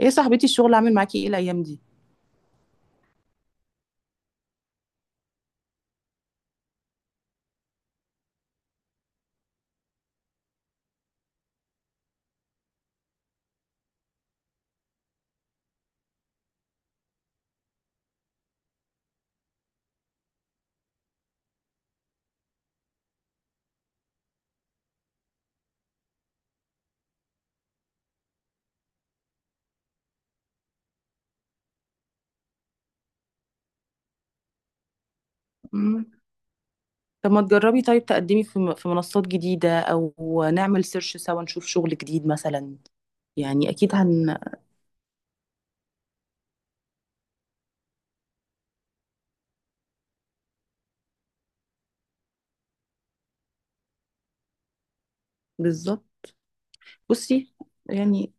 ايه يا صاحبتي، الشغل عامل معاكي ايه الايام دي؟ مم. طب ما تجربي؟ طيب تقدمي في في منصات جديدة، او نعمل سيرش سوا نشوف شغل جديد مثلا. يعني اكيد هن. بالظبط. بصي، يعني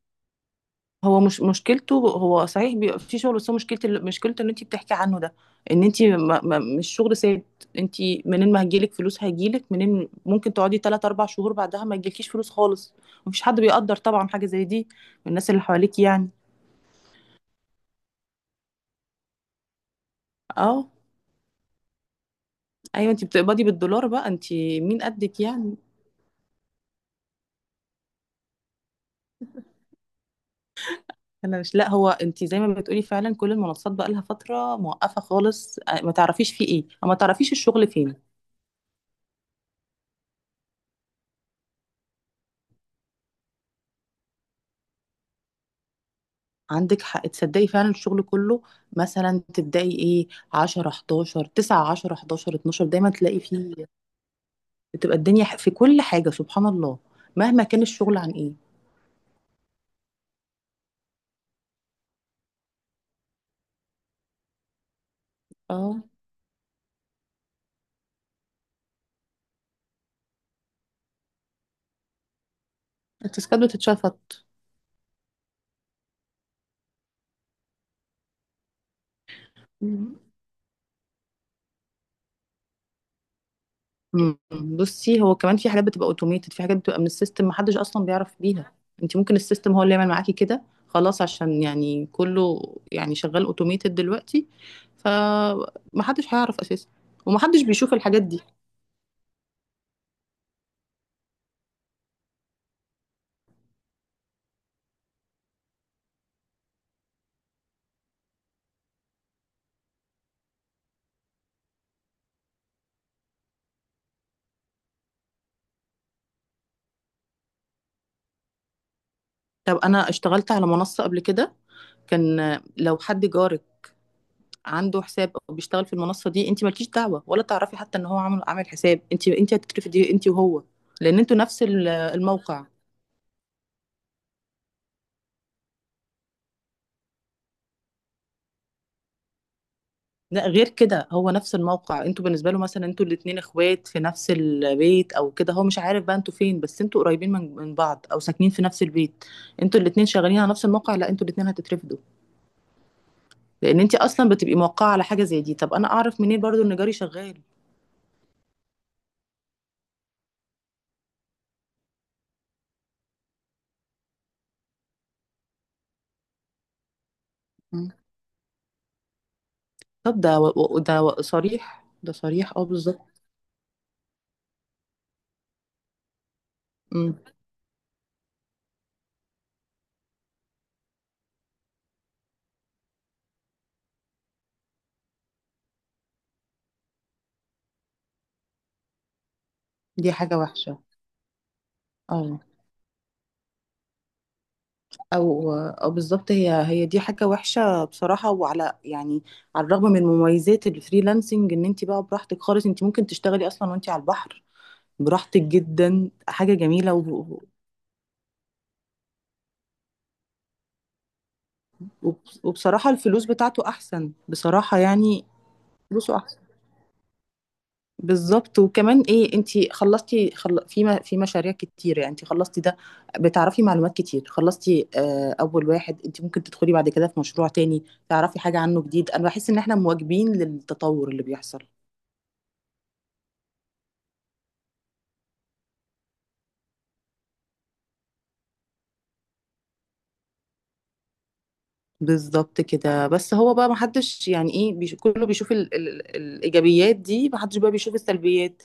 هو مش مشكلته، هو صحيح بيبقى في شغل، بس هو مشكلته، مشكلته اللي انت بتحكي عنه ده، ان انت ما مش شغل ثابت انت. منين ما هيجيلك فلوس، هيجيلك منين؟ ممكن تقعدي 3 4 شهور بعدها ما يجيلكيش فلوس خالص. مفيش حد بيقدر طبعا حاجة زي دي، من الناس اللي حواليك يعني. اه. ايوه، انت بتقبضي بالدولار بقى، انت مين قدك يعني؟ انا مش، لا، هو انت زي ما بتقولي فعلا، كل المنصات بقى لها فتره موقفه خالص، ما تعرفيش في ايه، او ما تعرفيش الشغل فين. عندك حق، تصدقي فعلا الشغل كله، مثلا تبداي ايه 10 11 9 10 11 12، دايما تلاقي فيه، بتبقى الدنيا في كل حاجه سبحان الله، مهما كان الشغل عن ايه. اه، التسكات بتتشفط. مم. بصي، هو كمان في حاجات بتبقى اوتوميتد، في حاجات بتبقى من السيستم محدش اصلا بيعرف بيها، انت ممكن السيستم هو اللي يعمل معاكي كده. خلاص، عشان يعني كله يعني شغال اوتوميتد دلوقتي، فمحدش هيعرف اساسا، ومحدش بيشوف الحاجات دي. طب انا اشتغلت على منصة قبل كده، كان لو حد جارك عنده حساب او بيشتغل في المنصة دي، انت مالكيش دعوة ولا تعرفي حتى ان هو عامل عامل حساب، انت هتترفدي انت وهو. لان انتوا نفس الموقع. لا، غير كده، هو نفس الموقع، انتوا بالنسبه له مثلا انتوا الاتنين اخوات في نفس البيت او كده، هو مش عارف بقى انتوا فين، بس انتوا قريبين من بعض، او ساكنين في نفس البيت، انتوا الاتنين شغالين على نفس الموقع، لا انتوا الاتنين هتترفدوا. لان انت اصلا بتبقي موقعه على حاجه زي دي. طب انا اعرف منين برضو ان جاري شغال؟ مم. طب ده و... و- ده و... صريح، ده صريح. اه، بالظبط. مم. دي حاجه وحشه. اه. او بالظبط، هي هي دي حاجه وحشه بصراحه، وعلى يعني على الرغم من مميزات الفريلانسنج ان انت بقى براحتك خالص، انت ممكن تشتغلي اصلا وانت على البحر، براحتك جدا، حاجه جميله، وبصراحه الفلوس بتاعته احسن، بصراحه يعني، فلوسه احسن. بالظبط. وكمان ايه، انت خلصتي في في مشاريع كتير، يعني انت خلصتي ده، بتعرفي معلومات كتير، خلصتي اول واحد، انت ممكن تدخلي بعد كده في مشروع تاني، تعرفي حاجة عنه جديد. انا بحس ان احنا مواكبين للتطور اللي بيحصل. بالظبط كده، بس هو بقى محدش يعني ايه، كله بيشوف الايجابيات دي، محدش بقى بيشوف السلبيات.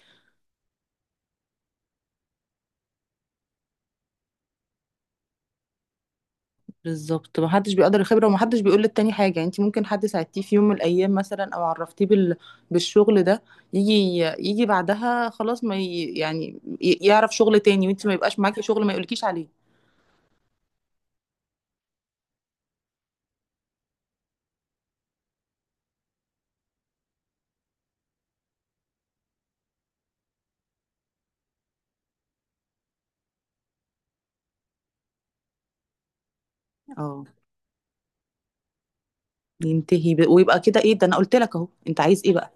بالظبط، محدش بيقدر الخبرة، ومحدش بيقول للتاني حاجة، يعني انت ممكن حد ساعدتيه في يوم من الأيام مثلا، أو عرفتيه بالشغل ده، يجي، يجي بعدها خلاص، ما ي... يعني ي- يعرف شغل تاني، وانت ما يبقاش معاكي شغل، ما يقولكيش عليه. اه، ينتهي ويبقى كده ايه ده، أنا قلت لك أهو، انت عايز ايه بقى؟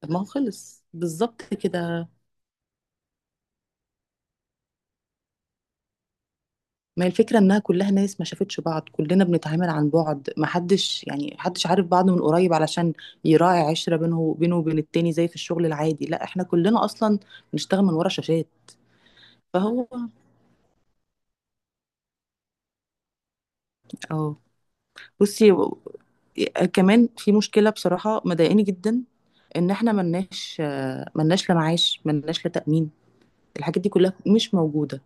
طب ما هو خلص بالظبط كده. ما هي الفكرة انها كلها ناس ما شافتش بعض، كلنا بنتعامل عن بعد، ما حدش يعني حدش عارف بعضه من قريب علشان يراعي عشرة بينه وبينه وبين التاني زي في الشغل العادي، لا احنا كلنا اصلا بنشتغل من ورا شاشات. فهو، اه، بصي كمان في مشكلة بصراحة مضايقاني جدا، ان احنا ملناش، ملناش لا معاش، ملناش لا تأمين، الحاجات دي كلها مش موجودة.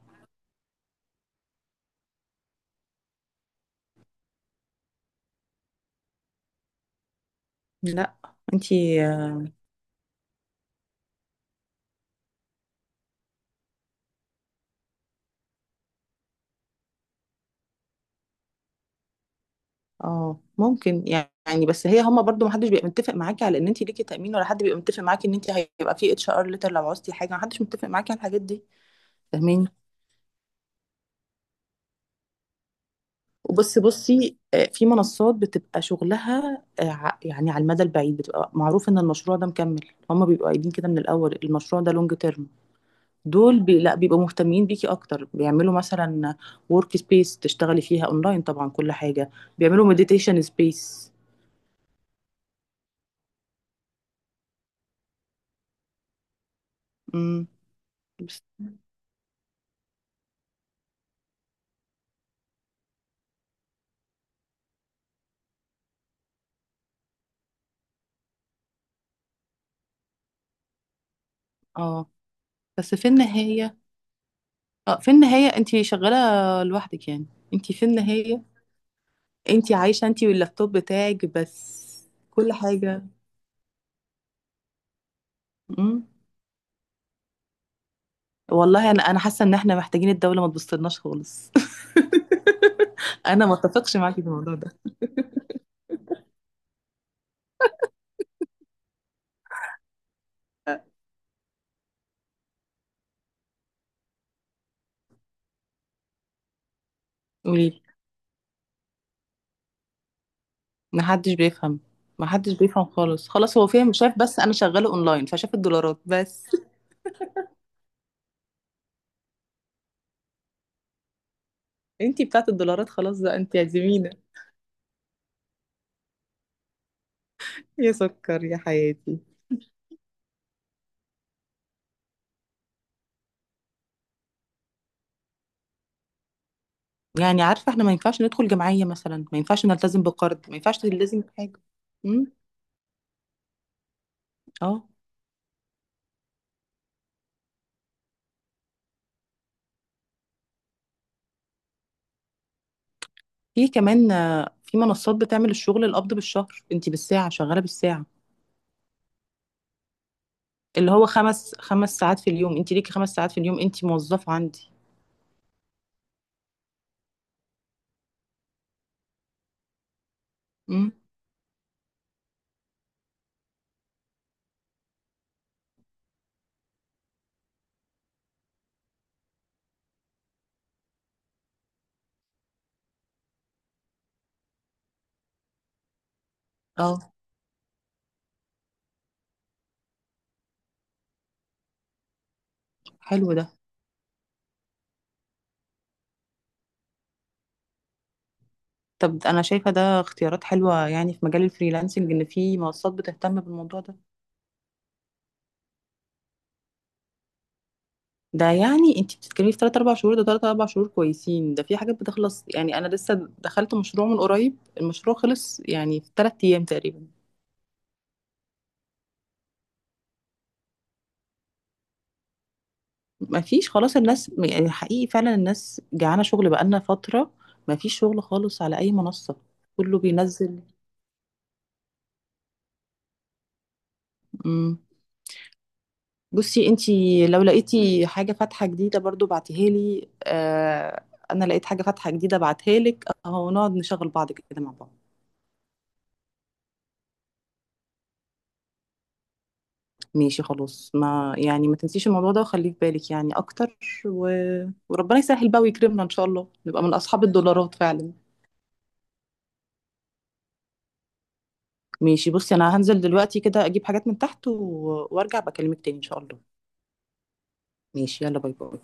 لا انتي. اه، ممكن يعني، بس هي، هما برضو محدش بيبقى متفق معاكي على ان انت ليكي تأمين، ولا حد بيبقى متفق معاكي ان انت هيبقى في اتش ار ليتر لو عوزتي حاجة، محدش متفق معاكي على الحاجات دي. فاهماني؟ وبصي بصي، في منصات بتبقى شغلها، يعني على المدى البعيد بتبقى معروف ان المشروع ده مكمل، هما بيبقوا قايلين كده من الاول المشروع ده لونج تيرم، دول لا بيبقوا مهتمين بيكي اكتر، بيعملوا مثلا ورك سبيس تشتغلي فيها اونلاين طبعا، كل حاجة، بيعملوا مديتيشن سبيس. امم. اه، بس في النهاية، اه في النهاية انت شغالة لوحدك يعني، انت في النهاية انت عايشة انت واللابتوب بتاعك بس، كل حاجة. مم. والله، انا حاسة ان احنا محتاجين الدولة ما تبصلناش خالص. انا ما اتفقش معاكي في الموضوع ده. قولي. ما حدش بيفهم. ما حدش بيفهم خالص، خلاص هو فاهم شايف بس انا شغالة اونلاين، فشاف الدولارات بس. انت بتاعت الدولارات، خلاص بقى انت اعزمينا. يا سكر، يا حياتي. يعني عارفة، احنا ما ينفعش ندخل جمعية مثلا، ما ينفعش نلتزم بقرض، ما ينفعش نلتزم بحاجة. امم. اه. في كمان، في منصات بتعمل الشغل القبض بالشهر، انت بالساعة، شغالة بالساعة، اللي هو خمس خمس ساعات في اليوم، انت ليكي خمس ساعات في اليوم، انت موظفة عندي. امم. اه. حلو ده. طب انا شايفة ده اختيارات حلوة يعني في مجال الفريلانسنج، ان في منصات بتهتم بالموضوع ده. ده يعني انت بتتكلمي في 3 4 شهور، ده 3 4 شهور كويسين، ده في حاجات بتخلص يعني، انا لسه دخلت مشروع من قريب المشروع خلص يعني في 3 ايام تقريبا. ما فيش خلاص، الناس يعني حقيقي فعلا الناس جعانة شغل بقالنا فترة، ما فيش شغل خالص على اي منصة، كله بينزل. امم. بصي انت، لو لقيتي حاجة فاتحة جديدة برضو بعتيها لي، آه، انا لقيت حاجة فاتحة جديدة بعتها لك اهو، نقعد نشغل بعض كده مع بعض. ماشي. خلاص، ما يعني ما تنسيش الموضوع ده وخليه في بالك يعني اكتر، و... وربنا يسهل بقى ويكرمنا ان شاء الله نبقى من اصحاب الدولارات فعلا. ماشي. بصي، انا هنزل دلوقتي كده اجيب حاجات من تحت، وارجع بكلمك تاني ان شاء الله. ماشي. يلا باي باي.